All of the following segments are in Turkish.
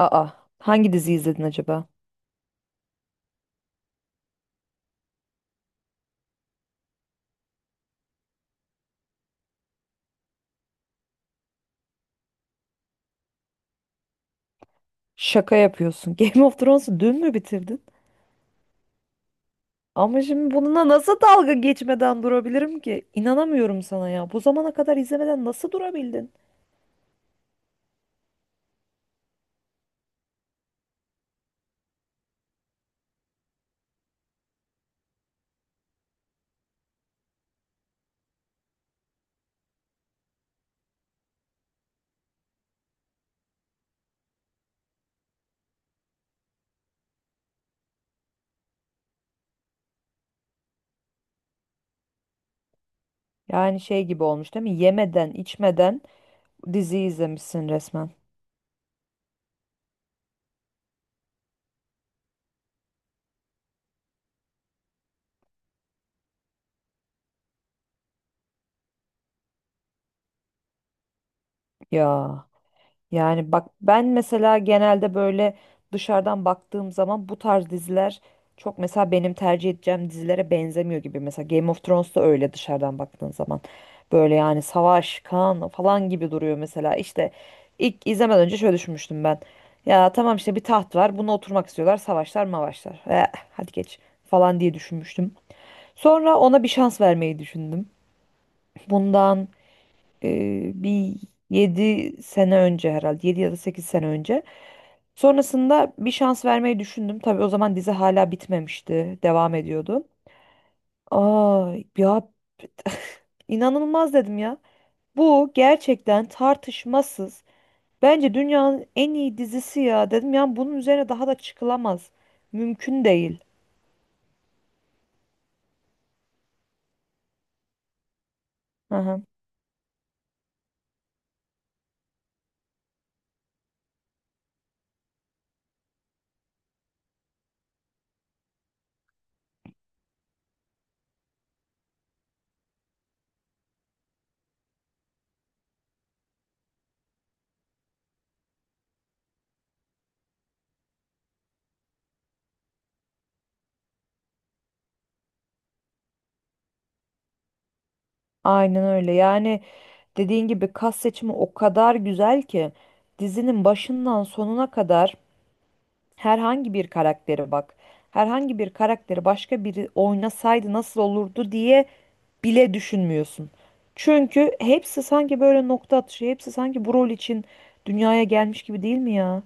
Aa, hangi diziyi izledin acaba? Şaka yapıyorsun. Game of Thrones'u dün mü bitirdin? Ama şimdi bununla nasıl dalga geçmeden durabilirim ki? İnanamıyorum sana ya. Bu zamana kadar izlemeden nasıl durabildin? Yani şey gibi olmuş değil mi? Yemeden, içmeden diziyi izlemişsin resmen. Ya. Yani bak ben mesela genelde böyle dışarıdan baktığım zaman bu tarz diziler çok mesela benim tercih edeceğim dizilere benzemiyor gibi. Mesela Game of Thrones da öyle dışarıdan baktığın zaman. Böyle yani savaş, kan falan gibi duruyor mesela. İşte ilk izlemeden önce şöyle düşünmüştüm ben. Ya tamam işte bir taht var. Buna oturmak istiyorlar. Savaşlar, mavaşlar. Eh, hadi geç falan diye düşünmüştüm. Sonra ona bir şans vermeyi düşündüm. Bundan bir 7 sene önce, herhalde 7 ya da 8 sene önce. Sonrasında bir şans vermeyi düşündüm. Tabii o zaman dizi hala bitmemişti. Devam ediyordu. Aa ya, inanılmaz dedim ya. Bu gerçekten tartışmasız. Bence dünyanın en iyi dizisi ya dedim. Yani bunun üzerine daha da çıkılamaz. Mümkün değil. Hı hı. Aynen öyle. Yani dediğin gibi kas seçimi o kadar güzel ki dizinin başından sonuna kadar herhangi bir karaktere bak. Herhangi bir karakteri başka biri oynasaydı nasıl olurdu diye bile düşünmüyorsun. Çünkü hepsi sanki böyle nokta atışı, hepsi sanki bu rol için dünyaya gelmiş gibi değil mi ya?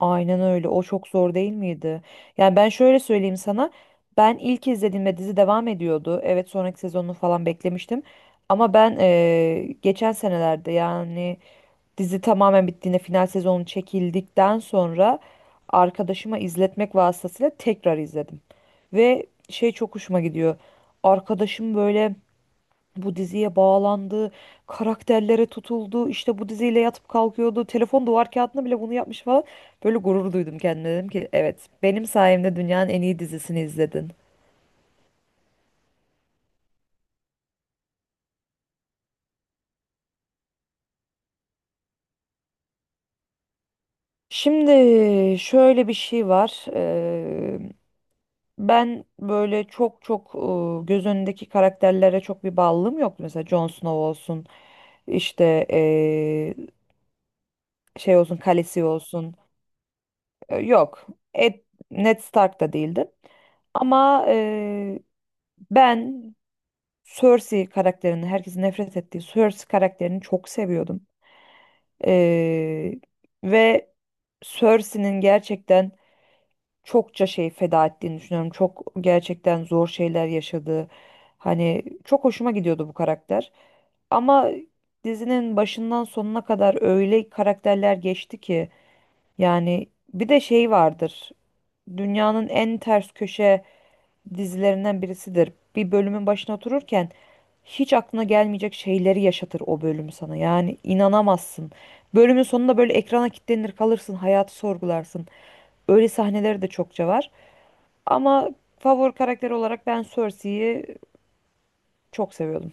Aynen öyle. O çok zor değil miydi? Yani ben şöyle söyleyeyim sana. Ben ilk izlediğimde dizi devam ediyordu. Evet, sonraki sezonunu falan beklemiştim. Ama ben geçen senelerde, yani dizi tamamen bittiğinde, final sezonu çekildikten sonra arkadaşıma izletmek vasıtasıyla tekrar izledim. Ve şey çok hoşuma gidiyor. Arkadaşım böyle bu diziye bağlandı, karakterlere tutuldu, işte bu diziyle yatıp kalkıyordu, telefon duvar kağıdına bile bunu yapmış falan. Böyle gurur duydum kendime, dedim ki evet, benim sayemde dünyanın en iyi dizisini izledin. Şimdi şöyle bir şey var. Ben böyle çok çok göz önündeki karakterlere çok bir bağlılığım yok. Mesela Jon Snow olsun, işte şey olsun, Khaleesi olsun. Yok. Ed, Ned Stark da değildi. Ama ben Cersei karakterini, herkesin nefret ettiği Cersei karakterini çok seviyordum. E, ve Cersei'nin gerçekten çokça şey feda ettiğini düşünüyorum. Çok gerçekten zor şeyler yaşadığı. Hani çok hoşuma gidiyordu bu karakter. Ama dizinin başından sonuna kadar öyle karakterler geçti ki, yani bir de şey vardır, dünyanın en ters köşe dizilerinden birisidir. Bir bölümün başına otururken hiç aklına gelmeyecek şeyleri yaşatır o bölüm sana. Yani inanamazsın. Bölümün sonunda böyle ekrana kilitlenir kalırsın, hayatı sorgularsın. Öyle sahneleri de çokça var. Ama favori karakter olarak ben Cersei'yi çok seviyordum.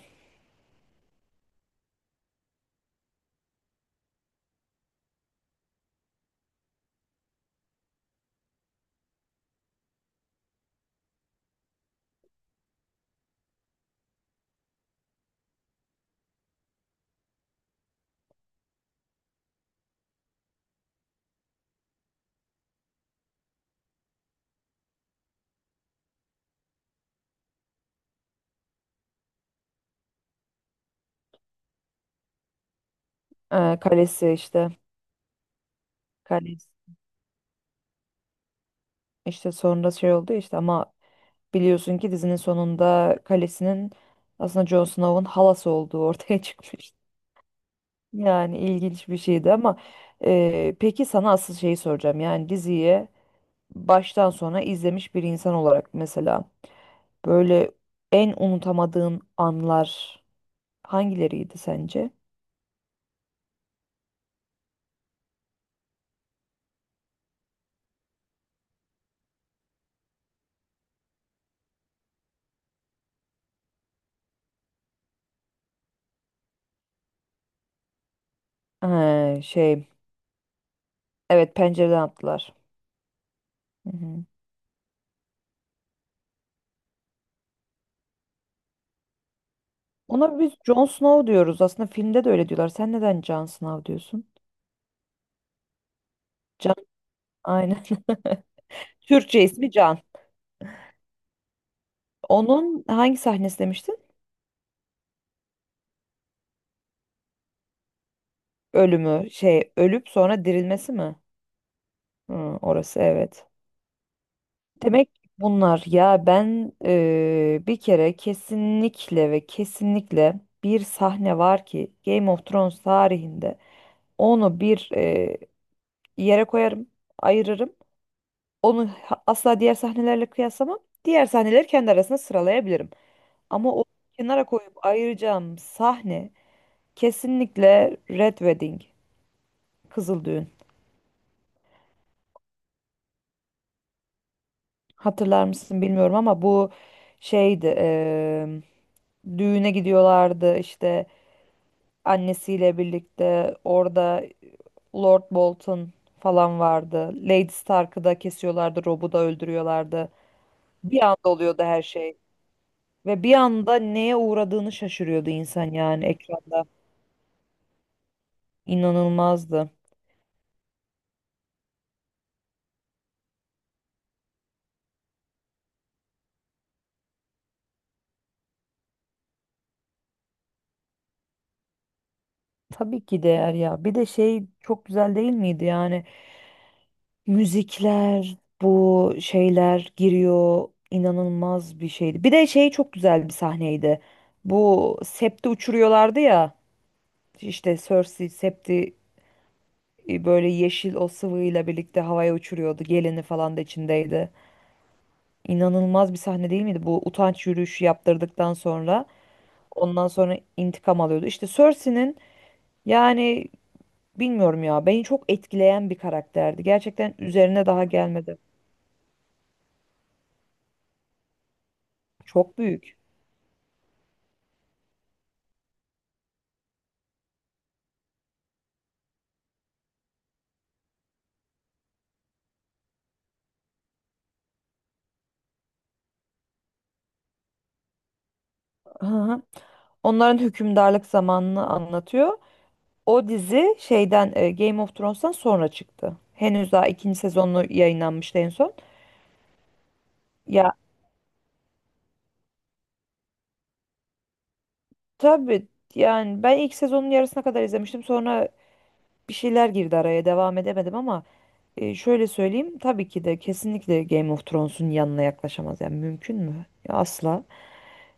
Kalesi işte, kalesi işte sonra şey oldu işte, ama biliyorsun ki dizinin sonunda kalesinin aslında Jon Snow'un halası olduğu ortaya çıkmış. Yani ilginç bir şeydi, ama peki sana asıl şeyi soracağım. Yani diziyi baştan sona izlemiş bir insan olarak, mesela böyle en unutamadığın anlar hangileriydi sence? Ee, şey, evet, pencereden attılar. Hı hı. Ona biz Jon Snow diyoruz. Aslında filmde de öyle diyorlar. Sen neden Jon Snow diyorsun? Can, aynen. Türkçe ismi Can. Onun hangi sahnesi demiştin? Ölümü, şey, ölüp sonra dirilmesi mi? Hı, orası evet. Demek ki bunlar. Ya ben bir kere kesinlikle ve kesinlikle bir sahne var ki Game of Thrones tarihinde onu bir yere koyarım, ayırırım. Asla diğer sahnelerle kıyaslamam. Diğer sahneleri kendi arasında sıralayabilirim. Ama o kenara koyup ayıracağım sahne kesinlikle Red Wedding, Kızıl Düğün. Hatırlar mısın bilmiyorum ama bu şeydi. Düğüne gidiyorlardı işte, annesiyle birlikte, orada Lord Bolton falan vardı. Lady Stark'ı da kesiyorlardı, Rob'u da öldürüyorlardı. Bir anda oluyordu her şey. Ve bir anda neye uğradığını şaşırıyordu insan yani ekranda. İnanılmazdı. Tabii ki değer ya. Bir de şey çok güzel değil miydi yani? Müzikler, bu şeyler giriyor. İnanılmaz bir şeydi. Bir de şey çok güzel bir sahneydi. Bu septi uçuruyorlardı ya. İşte Cersei septi böyle yeşil o sıvıyla birlikte havaya uçuruyordu. Gelini falan da içindeydi. İnanılmaz bir sahne değil miydi? Bu utanç yürüyüşü yaptırdıktan sonra ondan sonra intikam alıyordu. İşte Cersei'nin, yani bilmiyorum ya, beni çok etkileyen bir karakterdi. Gerçekten üzerine daha gelmedi. Çok büyük. Hı hı. Onların hükümdarlık zamanını anlatıyor. O dizi şeyden, Game of Thrones'tan sonra çıktı. Henüz daha ikinci sezonu yayınlanmıştı en son. Ya tabii, yani ben ilk sezonun yarısına kadar izlemiştim. Sonra bir şeyler girdi araya, devam edemedim, ama şöyle söyleyeyim, tabii ki de kesinlikle Game of Thrones'un yanına yaklaşamaz. Yani mümkün mü? Ya, asla.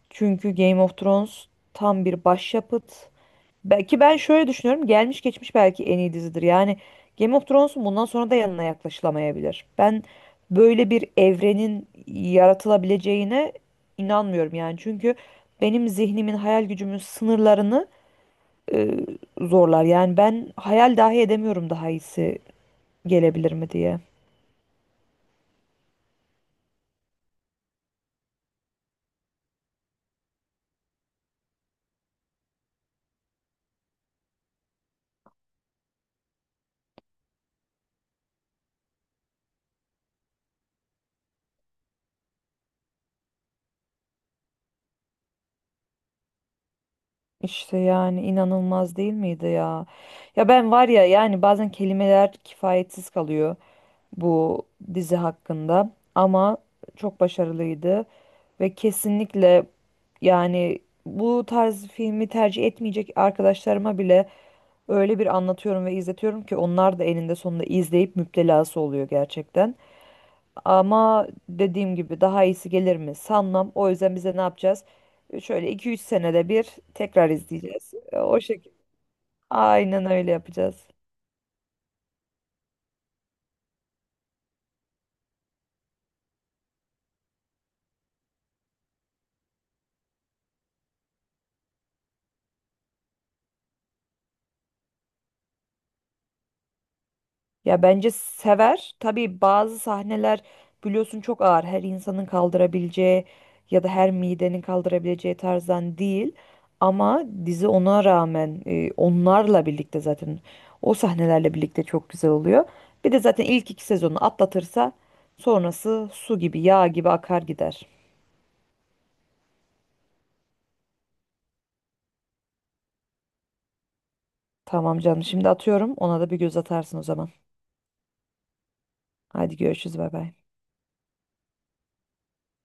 Çünkü Game of Thrones tam bir başyapıt. Belki ben şöyle düşünüyorum. Gelmiş geçmiş belki en iyi dizidir. Yani Game of Thrones'un bundan sonra da yanına yaklaşılamayabilir. Ben böyle bir evrenin yaratılabileceğine inanmıyorum yani. Çünkü benim zihnimin, hayal gücümün sınırlarını e, zorlar. Yani ben hayal dahi edemiyorum, daha iyisi gelebilir mi diye. İşte yani inanılmaz değil miydi ya? Ya ben var ya, yani bazen kelimeler kifayetsiz kalıyor bu dizi hakkında, ama çok başarılıydı ve kesinlikle, yani bu tarz filmi tercih etmeyecek arkadaşlarıma bile öyle bir anlatıyorum ve izletiyorum ki, onlar da eninde sonunda izleyip müptelası oluyor gerçekten. Ama dediğim gibi daha iyisi gelir mi sanmam. O yüzden bize ne yapacağız? Şöyle 2 3 senede bir tekrar izleyeceğiz. O şekilde. Aynen öyle yapacağız. Ya bence sever. Tabii bazı sahneler biliyorsun çok ağır. Her insanın kaldırabileceği ya da her midenin kaldırabileceği tarzdan değil. Ama dizi ona rağmen, onlarla birlikte, zaten o sahnelerle birlikte çok güzel oluyor. Bir de zaten ilk 2 sezonu atlatırsa sonrası su gibi yağ gibi akar gider. Tamam canım, şimdi atıyorum, ona da bir göz atarsın o zaman. Hadi görüşürüz, bay bay.